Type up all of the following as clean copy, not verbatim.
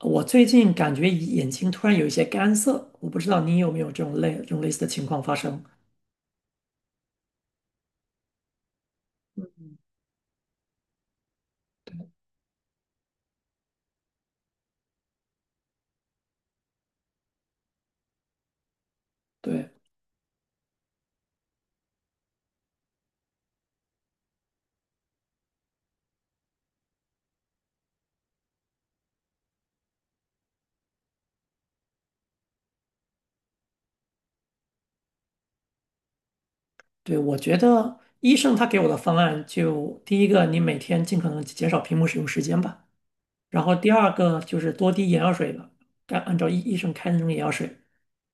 我最近感觉眼睛突然有一些干涩，我不知道你有没有这种类似的情况发生。嗯，对对，我觉得医生他给我的方案就第一个，你每天尽可能减少屏幕使用时间吧。然后第二个就是多滴眼药水了，该按照医生开的那种眼药水。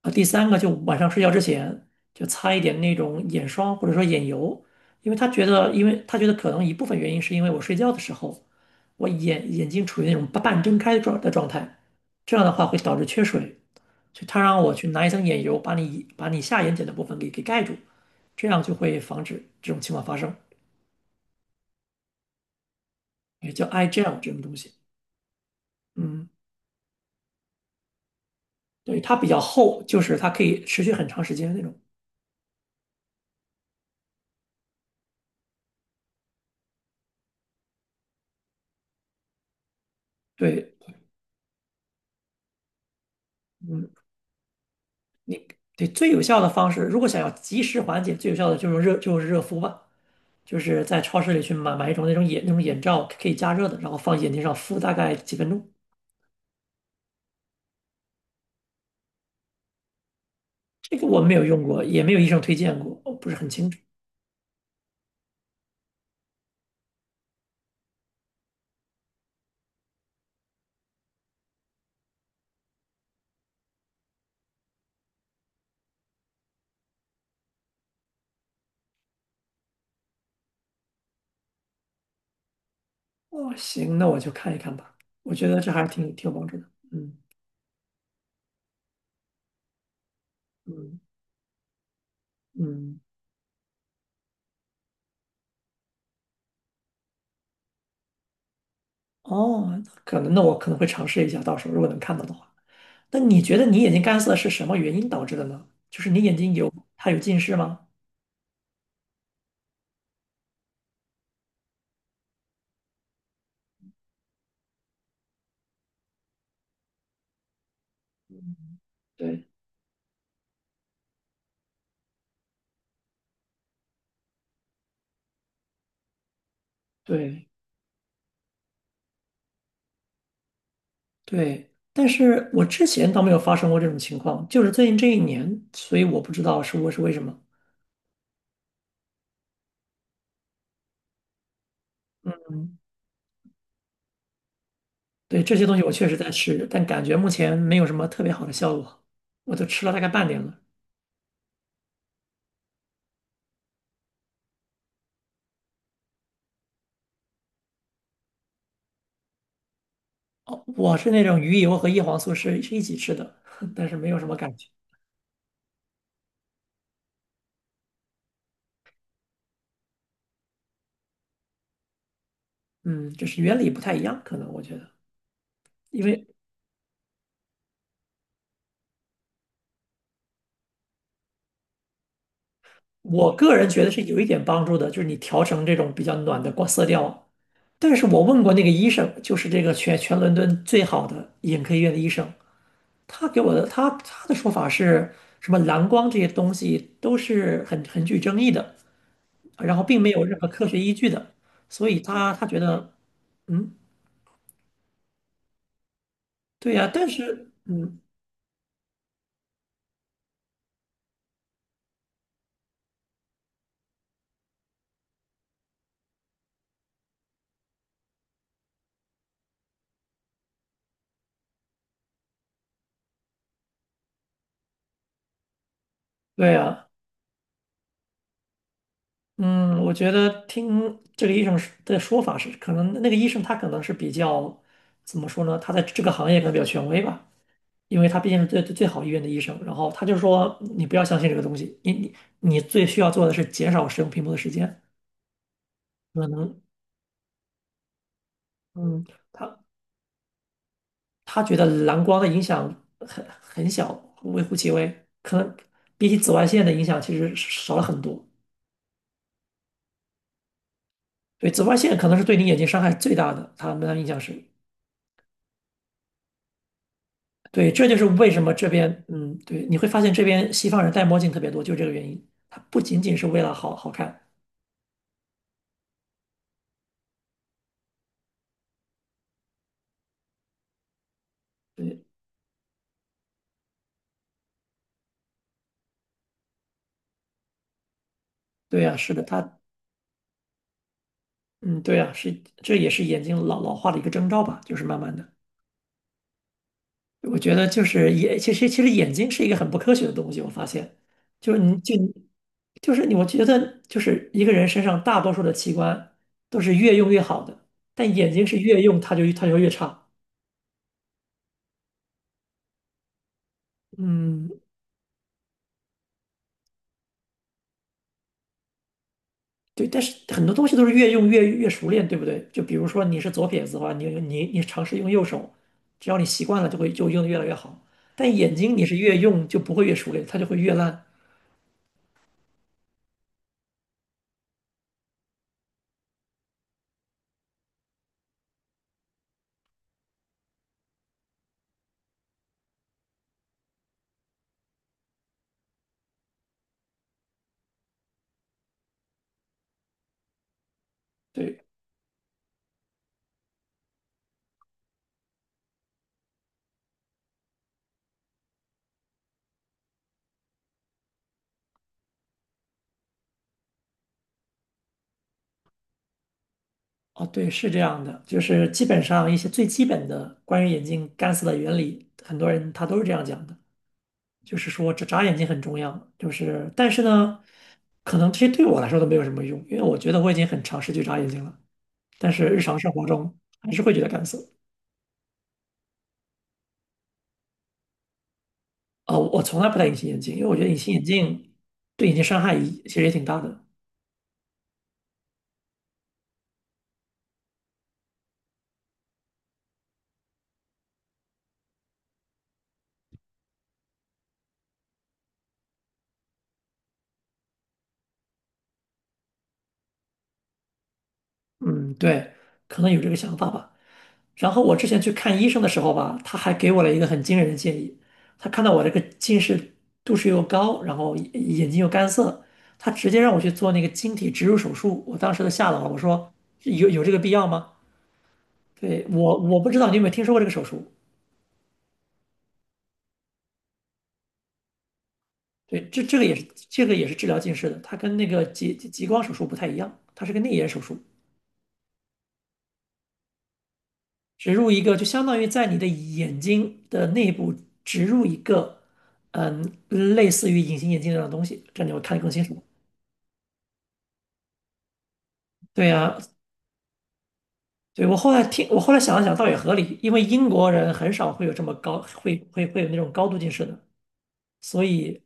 啊，第三个就晚上睡觉之前就擦一点那种眼霜或者说眼油，因为他觉得可能一部分原因是因为我睡觉的时候，我眼睛处于那种半睁开的状态，这样的话会导致缺水，所以他让我去拿一层眼油把你下眼睑的部分给盖住，这样就会防止这种情况发生，也叫 eye gel 这种东西。嗯，对，它比较厚，就是它可以持续很长时间那种。对，嗯，你对最有效的方式，如果想要及时缓解，最有效的就是热敷吧，就是在超市里去买一种那种眼罩可以加热的，然后放眼睛上敷大概几分钟。这个我没有用过，也没有医生推荐过，我不是很清楚。哦，行，那我就看一看吧。我觉得这还是挺有帮助的。嗯嗯嗯，哦，那我可能会尝试一下，到时候如果能看到的话。那你觉得你眼睛干涩是什么原因导致的呢？就是你眼睛有近视吗？对，对对，但是我之前倒没有发生过这种情况，就是最近这一年，所以我不知道是为什么。嗯，对，这些东西我确实在吃，但感觉目前没有什么特别好的效果，我都吃了大概半年了。哦，我是那种鱼油和叶黄素是一起吃的，但是没有什么感觉。嗯，就是原理不太一样，可能我觉得，因为我个人觉得是有一点帮助的，就是你调成这种比较暖的光色调。但是我问过那个医生，就是这个全伦敦最好的眼科医院的医生，他给我的他的说法是，什么蓝光这些东西都是很具争议的，然后并没有任何科学依据的，所以他觉得，嗯，对呀，但是嗯，对呀，嗯，我觉得听这个医生的说法是，可能那个医生他可能是比较，怎么说呢？他在这个行业可能比较权威吧。因为他毕竟是最好医院的医生。然后他就说，你不要相信这个东西，你最需要做的是减少使用屏幕的时间。可能，嗯，他他觉得蓝光的影响很小，微乎其微，可能比起紫外线的影响其实少了很多。对，紫外线可能是对你眼睛伤害最大的，他们的影响是，对，这就是为什么这边，嗯，对，你会发现这边西方人戴墨镜特别多，就这个原因。它不仅仅是为了好看，对，对呀，是的，它。嗯，对啊，是，这也是眼睛老化的一个征兆吧，就是慢慢的，我觉得就是眼，其实眼睛是一个很不科学的东西，我发现，就是你就就是你，我觉得就是一个人身上大多数的器官都是越用越好的，但眼睛是越用它就越差，嗯，对，但是很多东西都是越用越熟练，对不对？就比如说你是左撇子的话，你尝试用右手，只要你习惯了，就会就用的越来越好，但眼睛你是越用就不会越熟练，它就会越烂。对，哦，对，是这样的，就是基本上一些最基本的关于眼睛干涩的原理，很多人他都是这样讲的，就是说这眨眼睛很重要，就是但是呢，可能这些对我来说都没有什么用，因为我觉得我已经很尝试去眨眼睛了，但是日常生活中还是会觉得干涩。哦，我从来不戴隐形眼镜，因为我觉得隐形眼镜对眼睛伤害也其实也挺大的。嗯，对，可能有这个想法吧。然后我之前去看医生的时候吧，他还给我了一个很惊人的建议。他看到我这个近视度数又高，然后眼睛又干涩，他直接让我去做那个晶体植入手术。我当时都吓到了，我说有这个必要吗？对，我不知道你有没有听说过这个手术。对，这这个也是这个也是治疗近视的，它跟那个激光手术不太一样，它是个内眼手术，植入一个就相当于在你的眼睛的内部植入一个，嗯，类似于隐形眼镜那样的东西，这样你会看得更清楚。对呀，对，我后来听，我后来想了想，倒也合理，因为英国人很少会有这么高，会有那种高度近视的，所以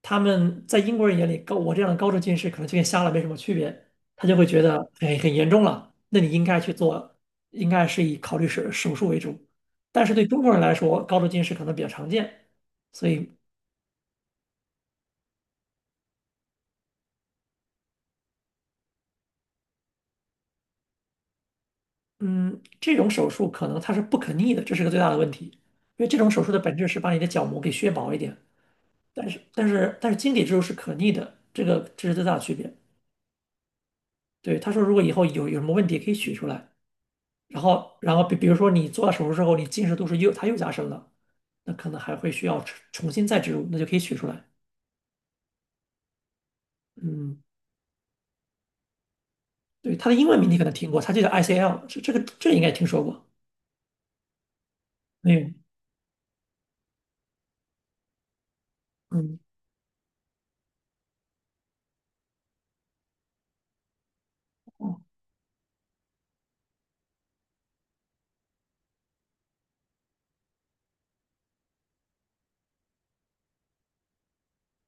他们在英国人眼里，高我这样的高度近视可能就跟瞎了没什么区别，他就会觉得，哎，很严重了，那你应该去做，应该是以考虑手术为主。但是对中国人来说，高度近视可能比较常见，所以，嗯，这种手术可能它是不可逆的，这是个最大的问题，因为这种手术的本质是把你的角膜给削薄一点。但是晶体植入是可逆的，这是最大的区别。对，他说如果以后有什么问题可以取出来，然后比如说你做了手术之后，你近视度数它又加深了，那可能还会需要重新再植入，那就可以取出来。嗯，对，它的英文名你可能听过，它就叫 ICL，这个应该听说过没有？嗯，哦，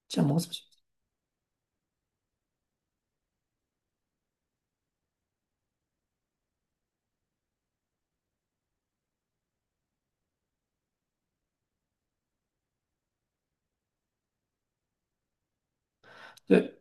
叫毛组织。对。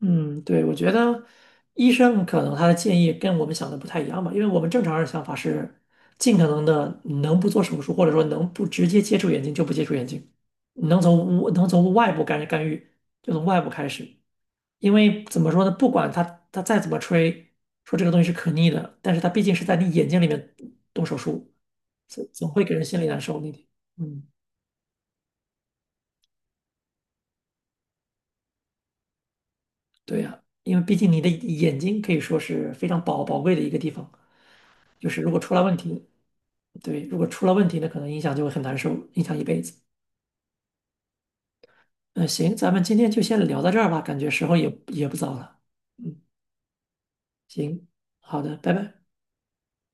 嗯，对，我觉得医生可能他的建议跟我们想的不太一样吧，因为我们正常人想法是尽可能的能不做手术，或者说能不直接接触眼睛就不接触眼睛，能从外部干预就从外部开始，因为怎么说呢，不管他再怎么吹说这个东西是可逆的，但是他毕竟是在你眼睛里面动手术，总会给人心里难受那点。嗯，对呀，因为毕竟你的眼睛可以说是非常宝贵的一个地方。就是如果出了问题，对，如果出了问题呢，可能影响就会很难受，影响一辈子。嗯，行，咱们今天就先聊到这儿吧，感觉时候也不早了。嗯，行，好的，拜拜。